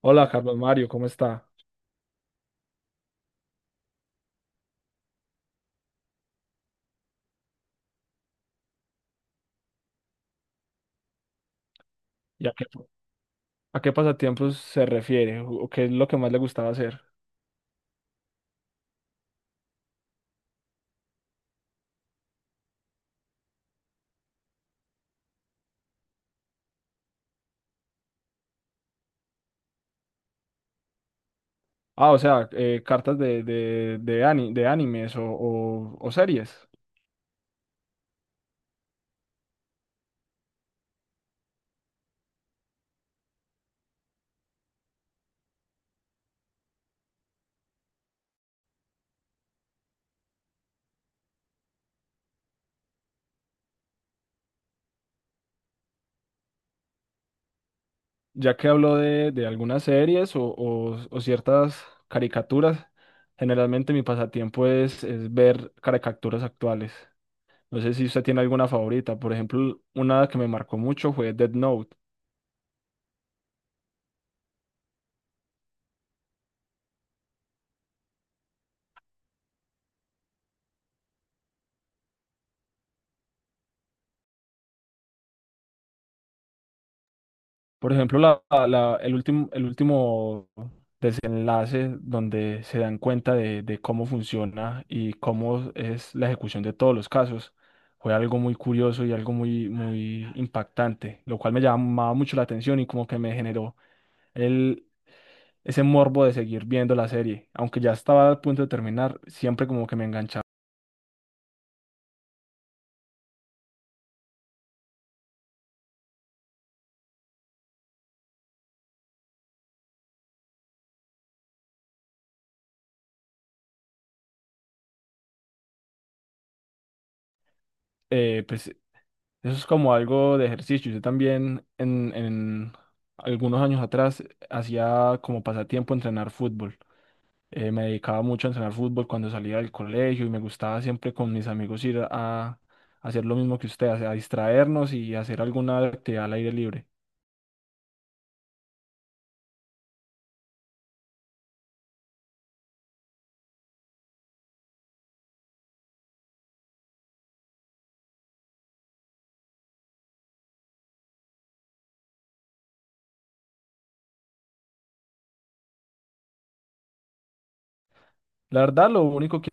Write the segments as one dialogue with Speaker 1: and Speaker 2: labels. Speaker 1: Hola, Carlos Mario, ¿cómo está? ¿Y a qué pasatiempos se refiere? ¿O qué es lo que más le gustaba hacer? Ah, o sea, cartas de de animes o o series. Ya que habló de algunas series o o ciertas caricaturas, generalmente mi pasatiempo es ver caricaturas actuales. No sé si usted tiene alguna favorita. Por ejemplo, una que me marcó mucho fue Dead Note. Por ejemplo, el último desenlace donde se dan cuenta de cómo funciona y cómo es la ejecución de todos los casos fue algo muy curioso y algo muy, muy impactante, lo cual me llamaba mucho la atención y como que me generó el, ese morbo de seguir viendo la serie. Aunque ya estaba a punto de terminar, siempre como que me enganchaba. Eh, pues. Eso es como algo de ejercicio. Yo también en algunos años atrás hacía como pasatiempo entrenar fútbol. Me dedicaba mucho a entrenar fútbol cuando salía del colegio y me gustaba siempre con mis amigos ir a, hacer lo mismo que usted, a distraernos y hacer alguna actividad al aire libre. La verdad, lo único que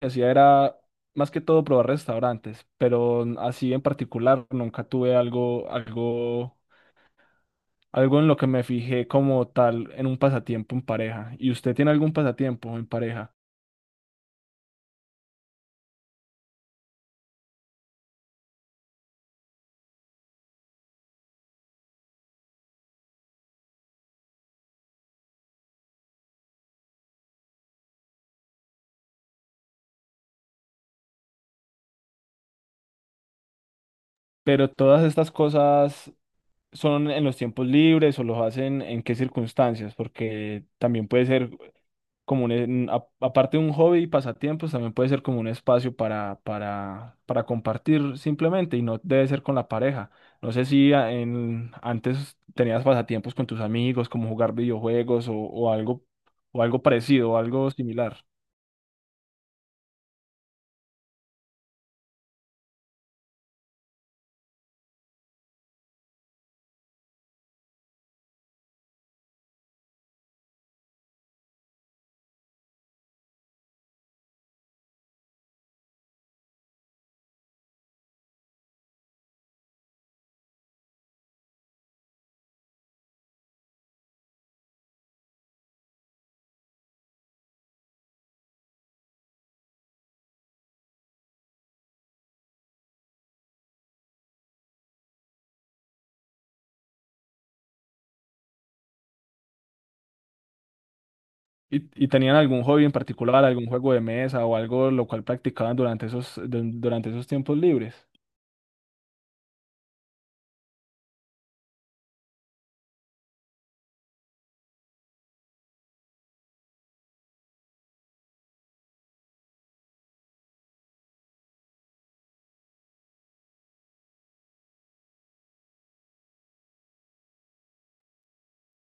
Speaker 1: hacía era más que todo probar restaurantes, pero así en particular nunca tuve algo, algo algo en lo que me fijé como tal en un pasatiempo en pareja. ¿Y usted tiene algún pasatiempo en pareja? Pero todas estas cosas son en los tiempos libres o los hacen en qué circunstancias, porque también puede ser como aparte de un hobby y pasatiempos, también puede ser como un espacio para compartir simplemente y no debe ser con la pareja. No sé si antes tenías pasatiempos con tus amigos, como jugar videojuegos o algo parecido o algo similar. Y tenían algún hobby en particular, algún juego de mesa o algo lo cual practicaban durante esos, durante esos tiempos libres?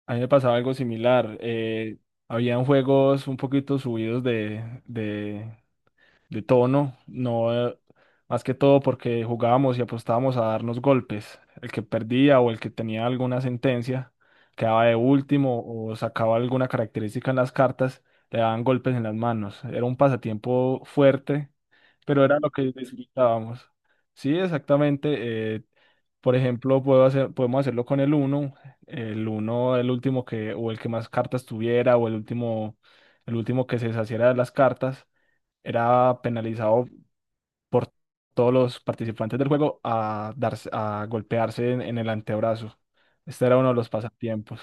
Speaker 1: A mí me pasaba algo similar. Habían juegos un poquito subidos de tono, no, más que todo porque jugábamos y apostábamos a darnos golpes. El que perdía o el que tenía alguna sentencia quedaba de último o sacaba alguna característica en las cartas, le daban golpes en las manos. Era un pasatiempo fuerte, pero era lo que disfrutábamos. Sí, exactamente. Por ejemplo, puedo hacer, podemos hacerlo con el uno, el uno el último que, o el que más cartas tuviera, o el último que se deshaciera de las cartas, era penalizado por todos los participantes del juego a darse, a golpearse en el antebrazo. Este era uno de los pasatiempos.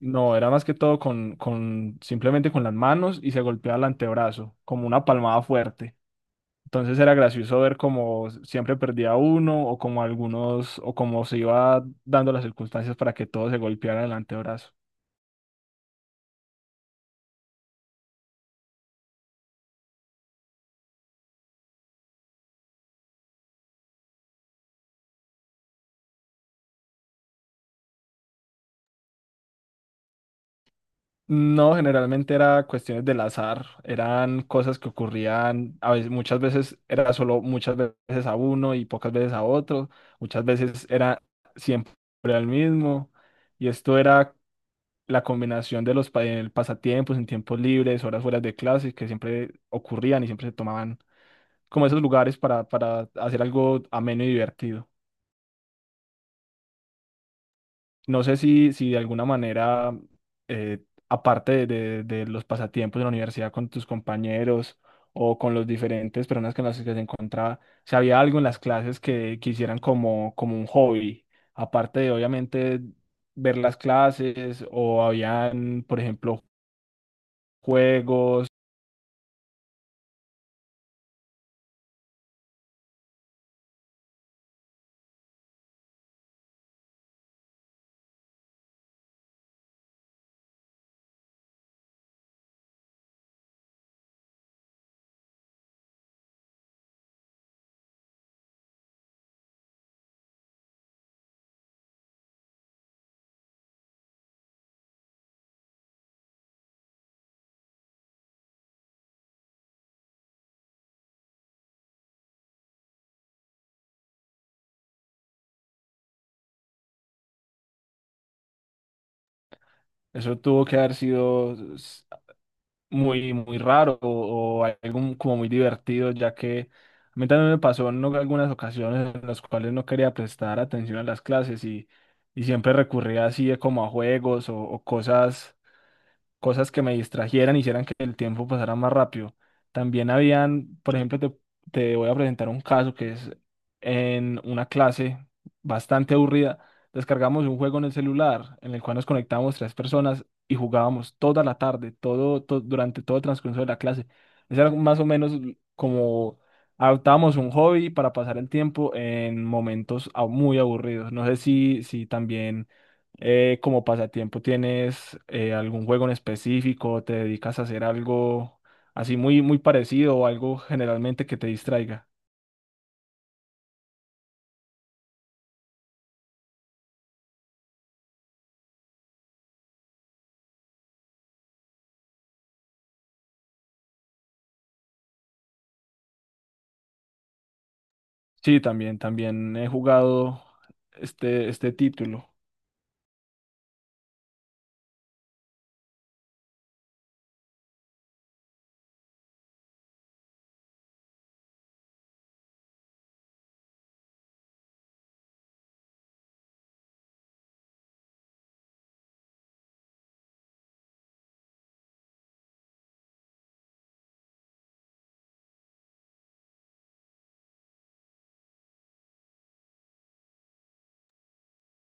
Speaker 1: No, era más que todo con simplemente con las manos y se golpeaba el antebrazo, como una palmada fuerte. Entonces era gracioso ver cómo siempre perdía uno o como algunos o cómo se iba dando las circunstancias para que todos se golpearan el antebrazo. No, generalmente era cuestiones del azar, eran cosas que ocurrían, a veces, muchas veces era solo muchas veces a uno y pocas veces a otro, muchas veces era siempre al mismo, y esto era la combinación de los el pasatiempos en tiempos libres, horas fuera de clase, que siempre ocurrían y siempre se tomaban como esos lugares para hacer algo ameno y divertido. No sé si, si de alguna manera, eh, aparte de los pasatiempos de la universidad con tus compañeros o con los diferentes personas con las que se encontraba, si había algo en las clases que quisieran como, como un hobby, aparte de obviamente ver las clases o habían, por ejemplo, juegos. Eso tuvo que haber sido muy, muy raro o algo como muy divertido, ya que a mí también me pasó en algunas ocasiones en las cuales no quería prestar atención a las clases y siempre recurría así como a juegos o cosas cosas que me distrajeran, hicieran que el tiempo pasara más rápido. También habían, por ejemplo, te voy a presentar un caso que es en una clase bastante aburrida. Descargamos un juego en el celular en el cual nos conectábamos tres personas y jugábamos toda la tarde, todo, durante todo el transcurso de la clase. Eso era más o menos como adoptábamos un hobby para pasar el tiempo en momentos muy aburridos. No sé si, si también como pasatiempo tienes ¿algún juego en específico? ¿Te dedicas a hacer algo así muy, muy parecido o algo generalmente que te distraiga? Sí, también, también he jugado este, este título.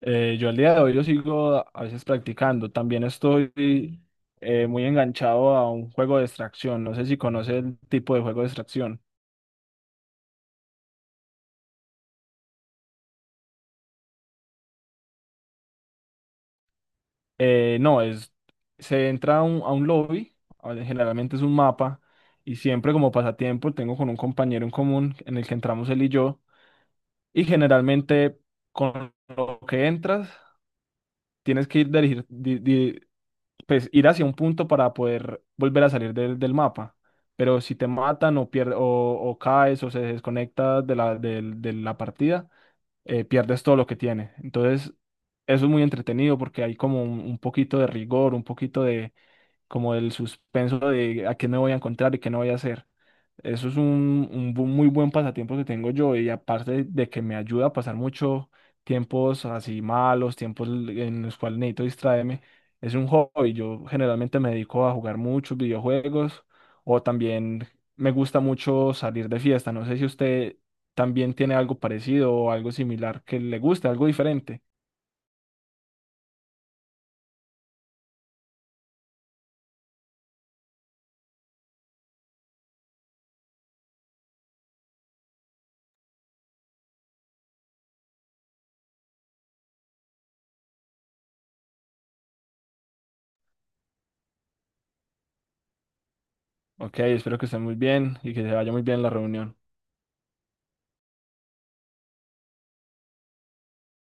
Speaker 1: Yo al día de hoy lo sigo a veces practicando. También estoy muy enganchado a un juego de extracción. No sé si conoces el tipo de juego de extracción. No, es, se entra a un lobby, a ver, generalmente es un mapa, y siempre como pasatiempo tengo con un compañero en común en el que entramos él y yo, y generalmente con lo que entras tienes que ir, pues, ir hacia un punto para poder volver a salir del, del mapa, pero si te matan o caes o se desconectas de la, de la partida, pierdes todo lo que tienes. Entonces, eso es muy entretenido porque hay como un poquito de rigor, un poquito de como el suspenso de a qué me voy a encontrar y qué no voy a hacer. Eso es un, muy buen pasatiempo que tengo yo y aparte de que me ayuda a pasar mucho tiempos así malos, tiempos en los cuales necesito distraerme, es un hobby. Yo generalmente me dedico a jugar muchos videojuegos o también me gusta mucho salir de fiesta. No sé si usted también tiene algo parecido o algo similar que le guste, algo diferente. Ok, espero que esté muy bien y que se vaya muy bien la reunión.